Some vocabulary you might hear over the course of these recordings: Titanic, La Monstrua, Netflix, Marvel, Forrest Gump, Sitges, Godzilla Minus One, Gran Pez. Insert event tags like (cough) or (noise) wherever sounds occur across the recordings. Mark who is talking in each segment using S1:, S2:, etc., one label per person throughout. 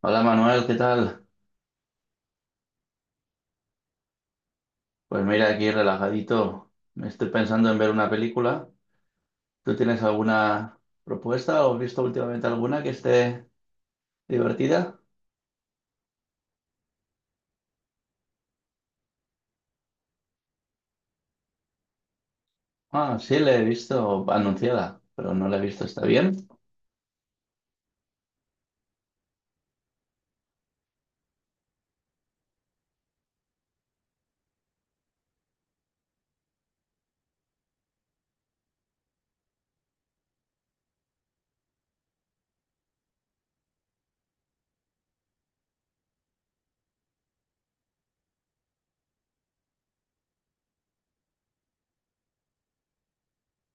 S1: Hola Manuel, ¿qué tal? Pues mira, aquí relajadito. Me estoy pensando en ver una película. ¿Tú tienes alguna propuesta o has visto últimamente alguna que esté divertida? Ah, sí, la he visto anunciada, pero no la he visto. ¿Está bien?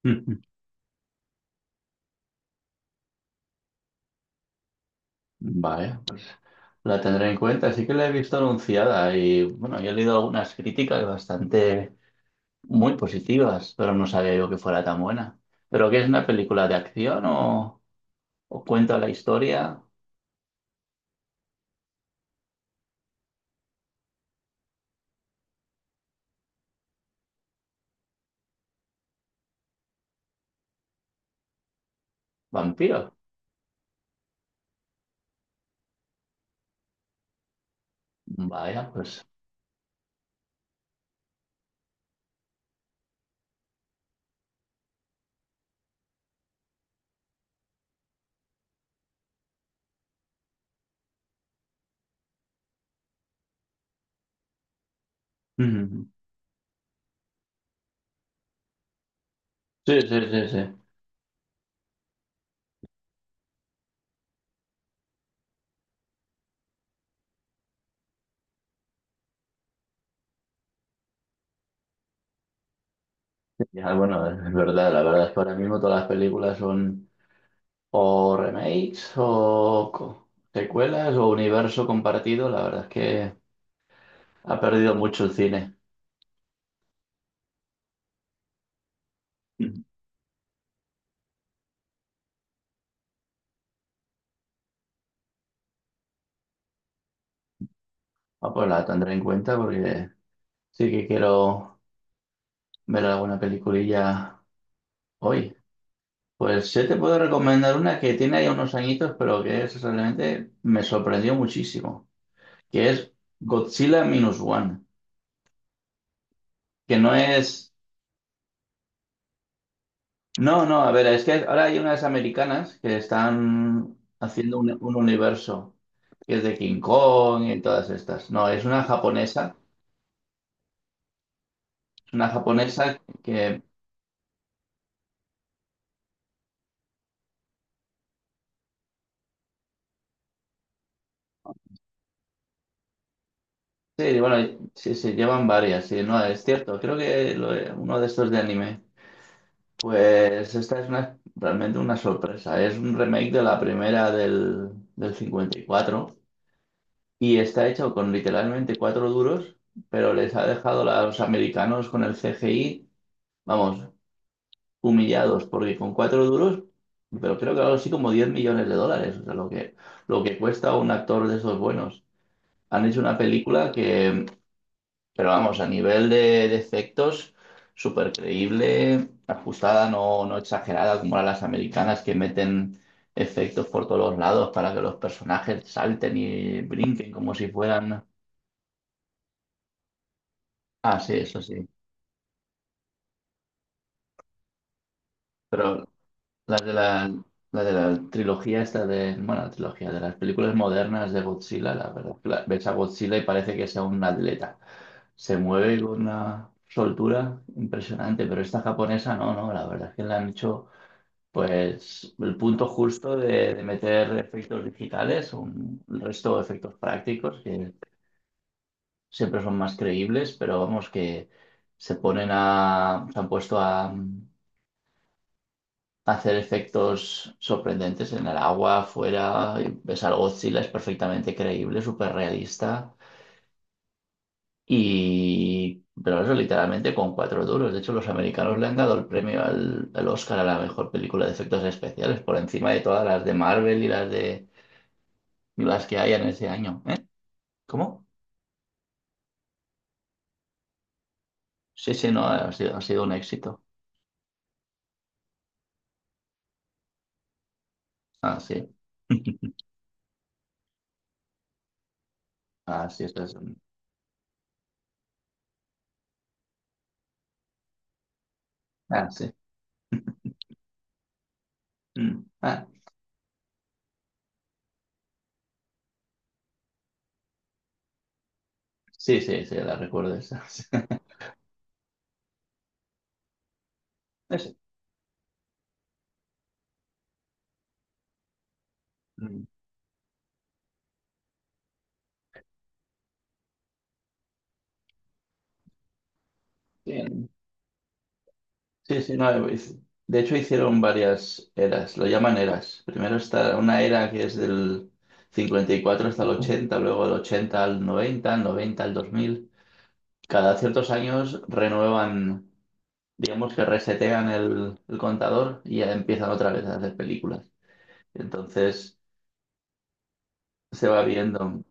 S1: (laughs) Vale, la tendré en cuenta. Sí que la he visto anunciada y, bueno, yo he leído algunas críticas bastante muy positivas, pero no sabía yo que fuera tan buena. ¿Pero qué es una película de acción o cuenta la historia? Vampiro. Vaya, pues. Ujú. Sí, sí, sí, sí. Ya, bueno, es verdad, la verdad es que ahora mismo todas las películas son o remakes o secuelas o universo compartido. La verdad es que ha perdido mucho el cine. Ujú. Ah, pues la tendré en cuenta porque sí que quiero ver alguna peliculilla hoy. Pues sí te puedo recomendar una que tiene ya unos añitos, pero que es realmente me sorprendió muchísimo, que es Godzilla Minus One, que no es. No, no, a ver, es que ahora hay unas americanas que están haciendo un universo que es de King Kong y todas estas. No, es una japonesa que, sí, bueno, sí, se llevan varias, sí, no, es cierto, creo que uno de estos de anime. Pues esta es una, realmente una sorpresa, es un remake de la primera del 54 y está hecho con literalmente cuatro duros, pero les ha dejado a los americanos con el CGI. Vamos, humillados, porque con cuatro duros, pero creo que algo así como 10 millones de dólares, o sea, lo que, cuesta un actor de esos buenos. Han hecho una película que, pero vamos, a nivel de efectos, súper creíble, ajustada, no exagerada, como las americanas que meten efectos por todos lados para que los personajes salten y brinquen como si fueran... Ah, sí, eso sí. Pero La de la, la de la trilogía esta de, bueno, la trilogía de las películas modernas de Godzilla, la verdad, que ves a Godzilla y parece que sea un atleta. Se mueve con una soltura impresionante, pero esta japonesa no, no, la verdad es que le han hecho pues el punto justo de meter efectos digitales, el resto de efectos prácticos que siempre son más creíbles, pero vamos que se han puesto a hacer efectos sorprendentes en el agua, afuera. Ves al Godzilla, es perfectamente creíble, súper realista. Pero eso literalmente con cuatro duros. De hecho, los americanos le han dado el premio al Oscar a la mejor película de efectos especiales, por encima de todas las de Marvel y las de y las que hayan ese año. ¿Eh? ¿Cómo? Sí, sí, no, ha sido un éxito. Ah, sí. (laughs) Ah, sí, eso es un-. Ah, sí. Mm. Ah, sí, sí, sí, la recuerdo esa. (laughs) Eso. Mm. Bien. Sí, sí, no, de hecho hicieron varias eras, lo llaman eras. Primero está una era que es del 54 hasta el 80, luego del 80 al 90, al 90 al 2000. Cada ciertos años renuevan, digamos que resetean el contador y ya empiezan otra vez a hacer películas. Entonces se va viendo.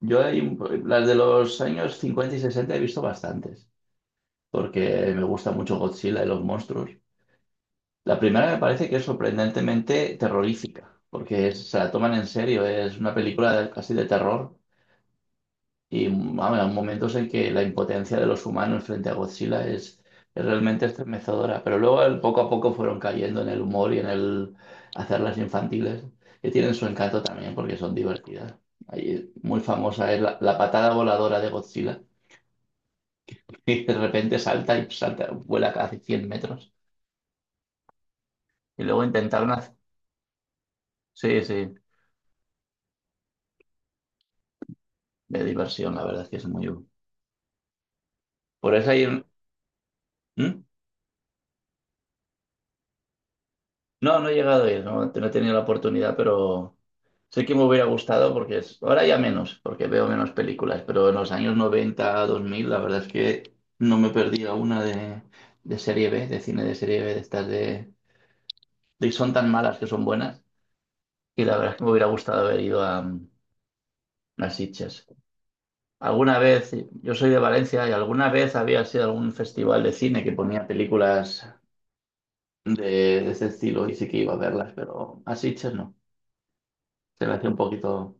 S1: Yo hay, las de los años 50 y 60 he visto bastantes, porque me gusta mucho Godzilla y los monstruos. La primera me parece que es sorprendentemente terrorífica, porque se la toman en serio, es una película casi de terror y vamos, hay momentos en que la impotencia de los humanos frente a Godzilla es realmente estremecedora, pero luego poco a poco fueron cayendo en el humor y en el hacerlas infantiles, que tienen su encanto también porque son divertidas. Ahí, muy famosa es la patada voladora de Godzilla, (laughs) que de repente salta y salta, vuela casi 100 metros. Y luego intentaron hacer... Sí, sí. De diversión, la verdad es que es muy... útil. Por eso hay un... ¿Mm? No, no he llegado a ir, no, no he tenido la oportunidad, pero sé que me hubiera gustado porque es... ahora ya menos, porque veo menos películas, pero en los años 90 2000 la verdad es que no me perdía una de serie B, de cine de serie B, de estas de... Son tan malas que son buenas, y la verdad es que me hubiera gustado haber ido a Sitges. Alguna vez, yo soy de Valencia y alguna vez había sido algún festival de cine que ponía películas de, de ese estilo y sí que iba a verlas, pero a Sitges no. Se le hacía un poquito...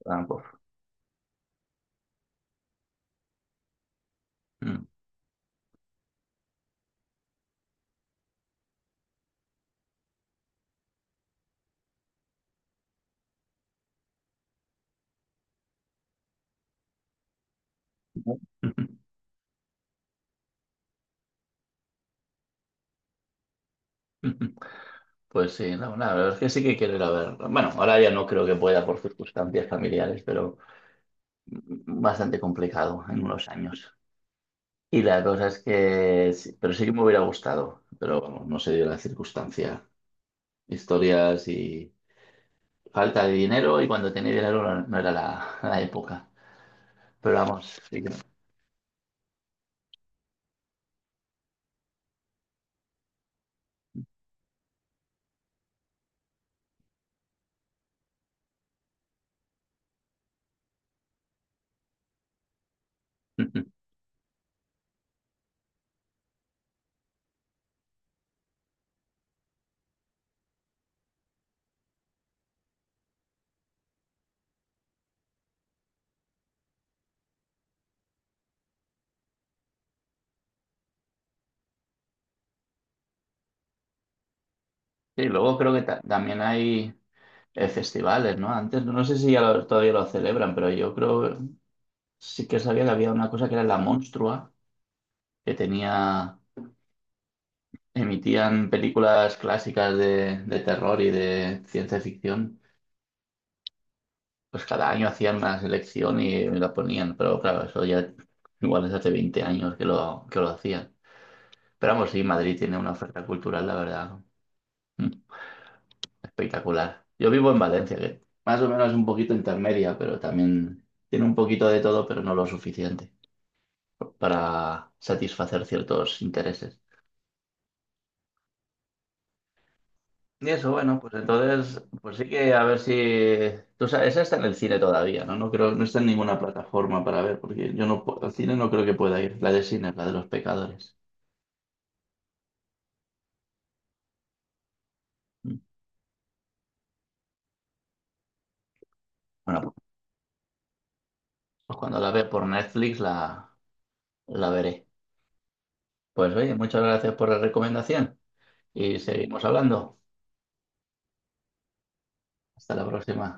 S1: tramposo. Pues mm. (laughs) Pues sí, no, la verdad es que sí que quiero ir a ver. Bueno, ahora ya no creo que pueda por circunstancias familiares, pero bastante complicado en unos años. Y la cosa es que, sí, pero sí que me hubiera gustado, pero vamos, no se dio la circunstancia. Historias y falta de dinero, y cuando tenía dinero no, no era la época. Pero vamos, sí que (laughs) Sí, luego creo que también hay festivales, ¿no? Antes, no sé si ya todavía lo celebran, pero yo creo, sí que sabía que había una cosa que era La Monstrua, que tenía, emitían películas clásicas de terror y de ciencia ficción. Pues cada año hacían una selección y la ponían, pero claro, eso ya igual es hace 20 años que lo hacían. Pero vamos, sí, Madrid tiene una oferta cultural, la verdad, ¿no? Espectacular. Yo vivo en Valencia, que más o menos es un poquito intermedia, pero también tiene un poquito de todo, pero no lo suficiente para satisfacer ciertos intereses. Y eso, bueno, pues entonces, pues sí que a ver si... Tú sabes, esa está en el cine todavía, ¿no? No creo, no está en ninguna plataforma para ver, porque yo no puedo, al cine no creo que pueda ir. La de cine, la de los pecadores. Mm. Bueno, pues cuando la ve por Netflix la veré. Pues oye, muchas gracias por la recomendación y seguimos hablando. Hasta la próxima.